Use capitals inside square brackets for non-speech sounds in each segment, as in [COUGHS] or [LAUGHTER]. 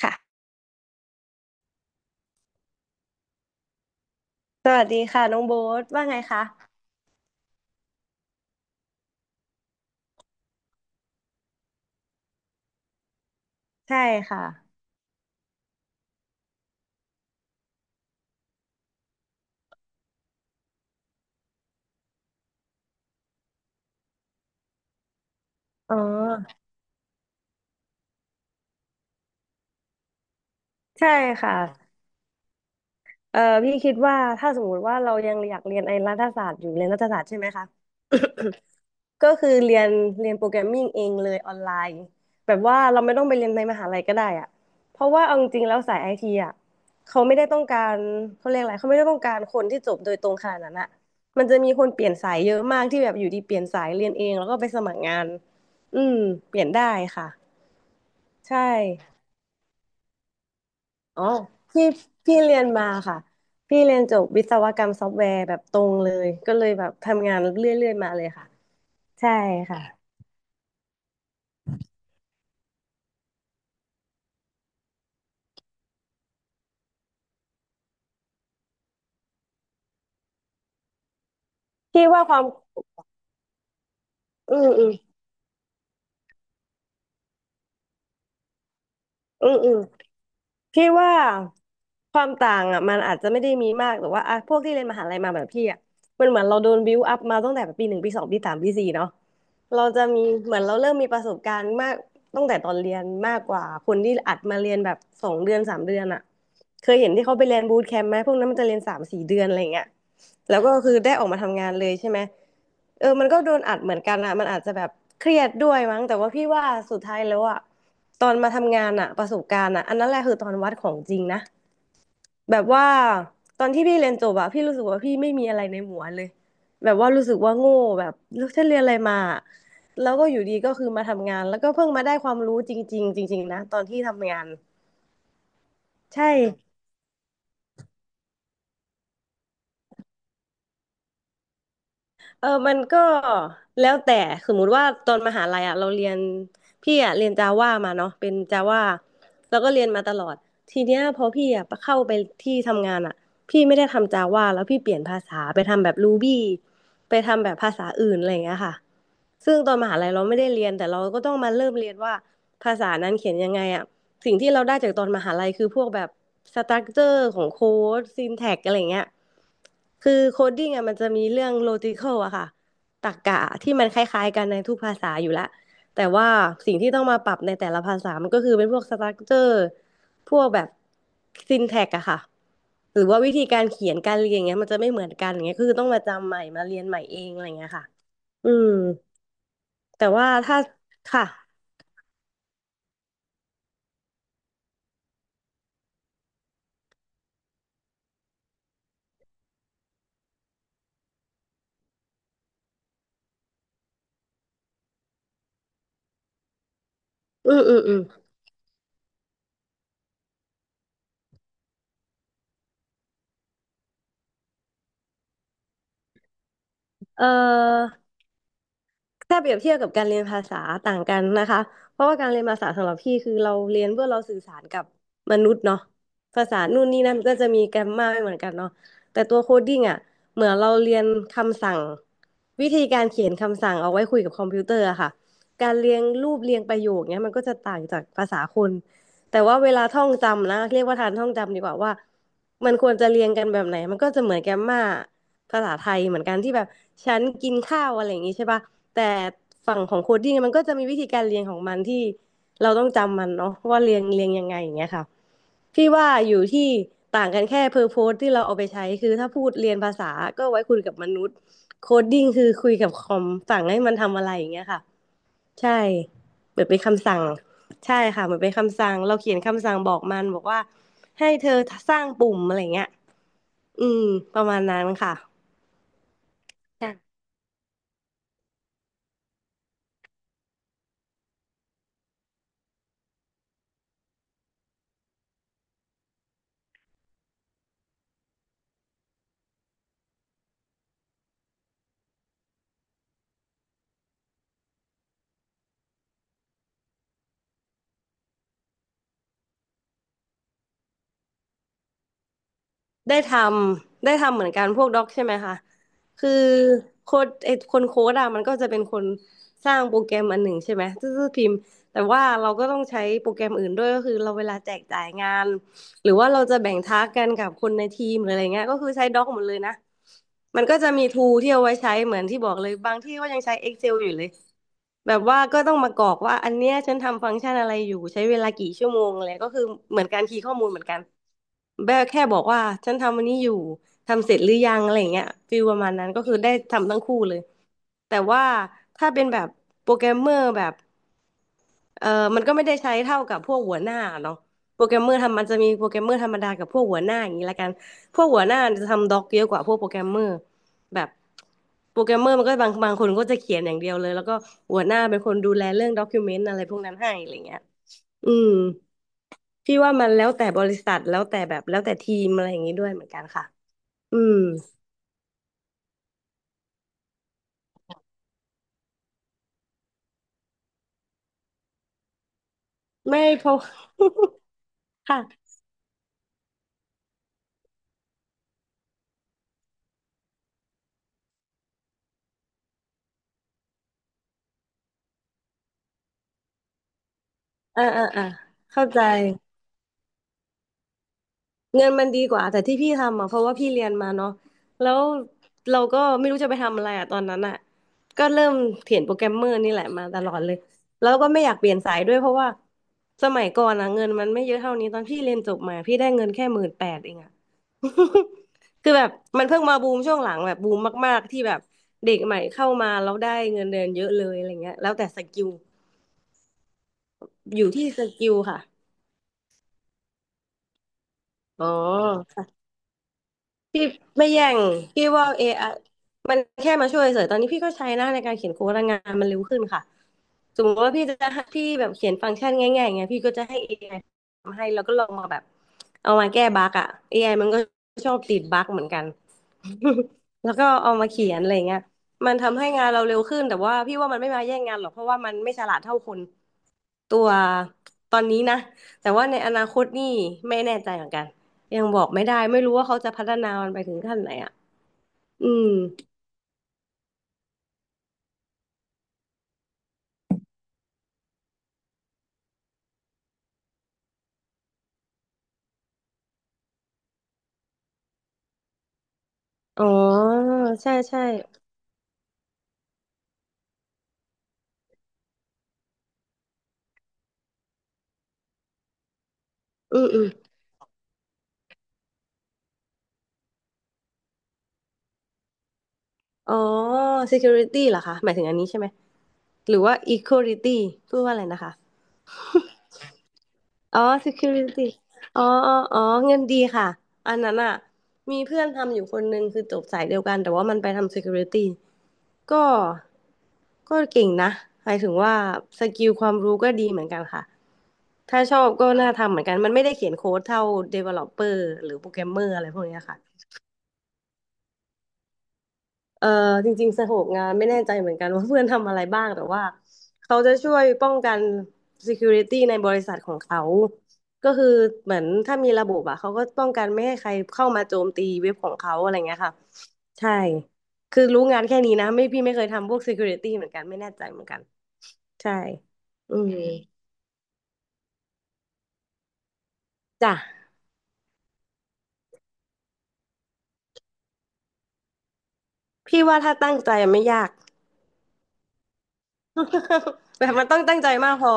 ค่ะ สวัสดีค่ะน้องโบ๊ทว่าไงคะใช่ค่ะอ๋อใช่ค่ะเอ่อพี่คิดว่าถ้าสมมติว่าเรายังอยากเรียนไอ้รัฐศาสตร์อยู่เรียนรัฐศาสตร์ใช่ไหมคะ [COUGHS] ก็คือเรียนโปรแกรมมิ่งเองเลยออนไลน์แบบว่าเราไม่ต้องไปเรียนในมหาลัยก็ได้อะเพราะว่าเอาจริงๆแล้วสายไอทีอะเขาไม่ได้ต้องการเขาเรียกอะไรเขาไม่ได้ต้องการคนที่จบโดยตรงขนาดนั้นอะมันจะมีคนเปลี่ยนสายเยอะมากที่แบบอยู่ดีเปลี่ยนสายเรียนเองแล้วก็ไปสมัครงานอืมเปลี่ยนได้ค่ะ ใช่ อ๋อพี่พี่เรียนมาค่ะ พี่เรียนจบวิศวกรรมซอฟต์แวร์แบบตรงเลย ก็เลยแบบทำงานเรื่อยๆมาเลยค่ะ ใช่ค่ะ พี่ว่าความ อืมอืมอืม พี่ว่าความต่างอ่ะมันอาจจะไม่ได้มีมากแต่ว่าอ่ะพวกที่เรียนมหาลัยมาแบบพี่อ่ะมันเหมือนเราโดนบิวอัพมาตั้งแต่ปีหนึ่งปีสองปีสามปีสี่เนาะเราจะมีเหมือนเราเริ่มมีประสบการณ์มากตั้งแต่ตอนเรียนมากกว่าคนที่อัดมาเรียนแบบสองเดือนสามเดือนอ่ะเคยเห็นที่เขาไปเรียนบูตแคมป์ไหมพวกนั้นมันจะเรียนสามสี่เดือนอะไรอย่างเงี้ย แล้วก็คือได้ออกมาทำงานเลยใช่ไหมเออมันก็โดนอัดเหมือนกันอะมันอาจจะแบบเครียดด้วยมั้งแต่ว่าพี่ว่าสุดท้ายแล้วอะตอนมาทำงานอะประสบการณ์อะอันนั้นแหละคือตอนวัดของจริงนะแบบว่าตอนที่พี่เรียนจบอะพี่รู้สึกว่าพี่ไม่มีอะไรในหัวเลยแบบว่ารู้สึกว่าโง่แบบแล้วฉันเรียนอะไรมาแล้วก็อยู่ดีก็คือมาทำงานแล้วก็เพิ่งมาได้ความรู้จริงๆจริงๆนะตอนที่ทำงานใช่ เออมันก็แล้วแต่สมมุติว่าตอนมหาลัยอ่ะเราเรียนพี่อ่ะเรียนจาว่ามาเนาะเป็นจาว่าแล้วก็เรียนมาตลอดทีเนี้ยพอพี่อ่ะเข้าไปที่ทำงานอ่ะพี่ไม่ได้ทำจาว่าแล้วพี่เปลี่ยนภาษาไปทำแบบรูบี้ไปทำแบบภาษาอื่นอะไรอย่างเงี้ยค่ะ ซึ่งตอนมหาลัยเราไม่ได้เรียนแต่เราก็ต้องมาเริ่มเรียนว่าภาษานั้นเขียนยังไงอ่ะสิ่งที่เราได้จากตอนมหาลัยคือพวกแบบสตรัคเจอร์ของโค้ดซินแท็กอะไรเงี้ยคือโคดดิ้งอ่ะมันจะมีเรื่องโลจิคอลอะค่ะตรรกะที่มันคล้ายๆกันในทุกภาษาอยู่แล้วแต่ว่าสิ่งที่ต้องมาปรับในแต่ละภาษามันก็คือเป็นพวกสตรัคเจอร์พวกแบบซินแท็กอะค่ะหรือว่าวิธีการเขียนการเรียนอย่างเงี้ยมันจะไม่เหมือนกันอย่างเงี้ยคือต้องมาจำใหม่มาเรียนใหม่เองอะไรเงี้ยค่ะอืม แต่ว่าถ้าค่ะอืมอืมอืมเอ่อถ้าเปรียบเทียบกับการเรียนภาษาต่างกันนะคะเพราะว่าการเรียนภาษาสำหรับพี่คือเราเรียนเพื่อเราสื่อสารกับมนุษย์เนาะภาษานู่นนี่นั่นก็จะมีแกรมมาไม่เหมือนกันเนาะแต่ตัวโคดดิ้งอ่ะเหมือนเราเรียนคำสั่งวิธีการเขียนคำสั่งเอาไว้คุยกับคอมพิวเตอร์อะค่ะการเรียงรูปเรียงประโยคเนี้ยมันก็จะต่างจากภาษาคนแต่ว่าเวลาท่องจำนะเรียกว่าทานท่องจำดีกว่าว่ามันควรจะเรียงกันแบบไหนมันก็จะเหมือนแกมมา ภาษาไทยเหมือนกันที่แบบฉันกินข้าวอะไรอย่างงี้ใช่ป่ะแต่ฝั่งของโคดดิ้งมันก็จะมีวิธีการเรียนของมันที่เราต้องจำมันเนาะว่าเรียงยังไงอย่างเงี้ยค่ะพี่ว่าอยู่ที่ต่างกันแค่เพอร์โพสที่เราเอาไปใช้คือถ้าพูดเรียนภาษาก็ไว้คุยกับมนุษย์โคดดิ้งคือคุยกับคอมสั่งให้มันทำอะไรอย่างเงี้ยค่ะใช่เหมือนเป็นคำสั่งใช่ค่ะเหมือนเป็นคำสั่งเราเขียนคำสั่งบอกมันบอกว่าให้เธอสร้างปุ่มอะไรเงี้ยอืมประมาณนั้นค่ะ ได้ทำได้ทำเหมือนกันพวกด็อกใช่ไหมคะคือโค้ดไอ้คนโค้ดอะมันก็จะเป็นคนสร้างโปรแกรมอันหนึ่งใช่ไหมซื่อๆพิมพ์แต่ว่าเราก็ต้องใช้โปรแกรมอื่นด้วยก็คือเราเวลาแจกจ่ายงานหรือว่าเราจะแบ่งทาสกกันกับคนในทีมหรืออะไรเงี้ยก็คือใช้ด็อกหมดเลยนะมันก็จะมีทูที่เอาไว้ใช้เหมือนที่บอกเลยบางที่ก็ยังใช้ Excel อยู่เลยแบบว่าก็ต้องมากรอกว่าอันเนี้ยฉันทำฟังก์ชันอะไรอยู่ใช้เวลากี่ชั่วโมงอะไรก็คือเหมือนการคีย์ข้อมูลเหมือนกัน แบลแค่บอกว่าฉันทำอันนี้อยู่ทำเสร็จหรือยังอะไรอย่างเงี้ยฟีลประมาณนั้นก็คือได้ทำทั้งคู่เลยแต่ว่าถ้าเป็นแบบโปรแกรมเมอร์แบบเออมันก็ไม่ได้ใช้เท่ากับพวกหัวหน้าเนาะโปรแกรมเมอร์ทำมันจะมีโปรแกรมเมอร์ธรรมดากับพวกหัวหน้าอย่างนี้ละกันพวกหัวหน้าจะทำด็อกเยอะกว่าพวกโปรแกรมเมอร์แบบโปรแกรมเมอร์มันก็บางคนก็จะเขียนอย่างเดียวเลยแล้วก็หัวหน้าเป็นคนดูแลเรื่องด็อกิวเมนต์อะไรพวกนั้นให้อะไรเงี้ยอืม พี่ว่ามันแล้วแต่บริษัทแล้วแต่แบบแล้วแต่ทีมอะไรอย่างนี้ด้วยเหมือนกันค่ะ อืม ไม่เพราะ [LAUGHS] ค่ะ อ่าอ่าอ่าเข้าใจ เงินมันดีกว่าแต่ที่พี่ทำอ่ะเพราะว่าพี่เรียนมาเนาะแล้วเราก็ไม่รู้จะไปทำอะไรอ่ะตอนนั้นอ่ะก็เริ่มเขียนโปรแกรมเมอร์นี่แหละมาตลอดเลยแล้วก็ไม่อยากเปลี่ยนสายด้วยเพราะว่าสมัยก่อนอ่ะเงินมันไม่เยอะเท่านี้ตอนพี่เรียนจบมาพี่ได้เงินแค่หมื่นแปดเองอ่ะ [LAUGHS] คือแบบมันเพิ่งมาบูมช่วงหลังแบบบูมมากๆที่แบบเด็กใหม่เข้ามาแล้วได้เงินเดือนเยอะเลยอะไรเงี้ยแล้วแต่สกิลอยู่ที่สกิลค่ะอ๋อ พี่ไม่แย่งพี่ว่า AI มันแค่มาช่วยเฉยตอนนี้พี่ก็ใช้หน้าในการเขียนโค้ดแลงงานมันเร็วขึ้นค่ะสมมติว่าพี่จะให้พี่แบบเขียนฟังก์ชันง่ายๆอย่างเงี้ยพี่ก็จะให้ AI ทำให้แล้วก็ลองมาแบบเอามาแก้บั๊กอ่ะ AI มันก็ชอบติดบั๊กเหมือนกัน [LAUGHS] แล้วก็เอามาเขียนอะไรเงี้ยมันทำให้งานเราเร็วขึ้นแต่ว่าพี่ว่ามันไม่มาแย่งงานหรอกเพราะว่ามันไม่ฉลาดเท่าคน ตัวตอนนี้นะแต่ว่าในอนาคตนี่ไม่แน่ใจเหมือนกันยังบอกไม่ได้ไม่รู้ว่าเขาจะพัฒนามันไปถึงขั้นไหนอ่ะอืมอ๋อใช่ใช่อืมอืมอ๋อ security เหรอคะหมายถึงอันนี้ใช่ไหมหรือว่า equality พูดว่าอะไรนะคะอ๋อ security อ๋ออ๋ออ๋อเงินดีค่ะอันนั้นอ่ะมีเพื่อนทำอยู่คนนึงคือจบสายเดียวกันแต่ว่ามันไปทำ security ก็ก็เก่งนะหมายถึงว่าสกิลความรู้ก็ดีเหมือนกันค่ะถ้าชอบก็น่าทำเหมือนกันมันไม่ได้เขียนโค้ดเท่า developer หรือโปรแกรมเมอร์อะไรพวกเนี้ยค่ะเออจริงๆสโคปงานไม่แน่ใจเหมือนกัน [LAUGHS] ว่าเพื่อนทำอะไรบ้างแต่ว่าเขาจะช่วยป้องกัน security ในบริษัทของเขาก็คือเหมือนถ้ามีระบบอะเขาก็ป้องกันไม่ให้ใครเข้ามาโจมตีเว็บของเขาอะไรเงี้ยค่ะใช่คือรู้งานแค่นี้นะไม่พี่ไม่เคยทำพวก security เหมือนกันไม่แน่ใจเหมือนกัน ใช่อืมจ้ะพี่ว่าถ้าตั้งใจไม่ยาก [LAUGHS] แบบมันต้องตั้งใจมากพอ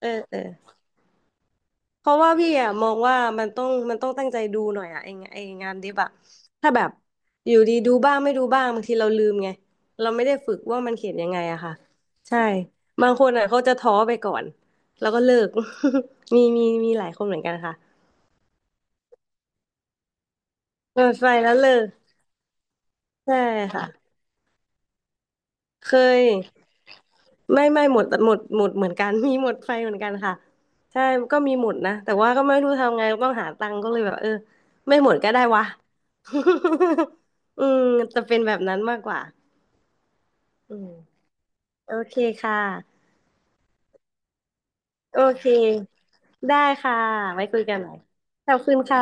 เออเออเพราะว่าพี่อะมองว่ามันต้องตั้งใจดูหน่อยอะไอ้งานดิบอะถ้าแบบอยู่ดีดูบ้างไม่ดูบ้างบางทีเราลืมไงเราไม่ได้ฝึกว่ามันเขียนยังไงอะค่ะใช่บางคนอะเขาจะท้อไปก่อนแล้วก็เลิก [LAUGHS] มีมีมีหลายคนเหมือนกันค่ะเปิดไฟแล้วเลิกใช่ค่ะเคย ไม่ไม่หมดหมดหมดเหมือนกัน [LAUGHS] มีหมดไฟเหมือนกันค่ะใช่ก็มีหมดนะแต่ว่าก็ไม่รู้ทำไงต้องหาตังค์ก็เลยแบบเออไม่หมดก็ได้วะ [LAUGHS] อืมจะเป็นแบบนั้นมากกว่าอืมโอเคค่ะโอเคได้ค่ะไว้คุยกันใหม่ขอบคุณค่ะ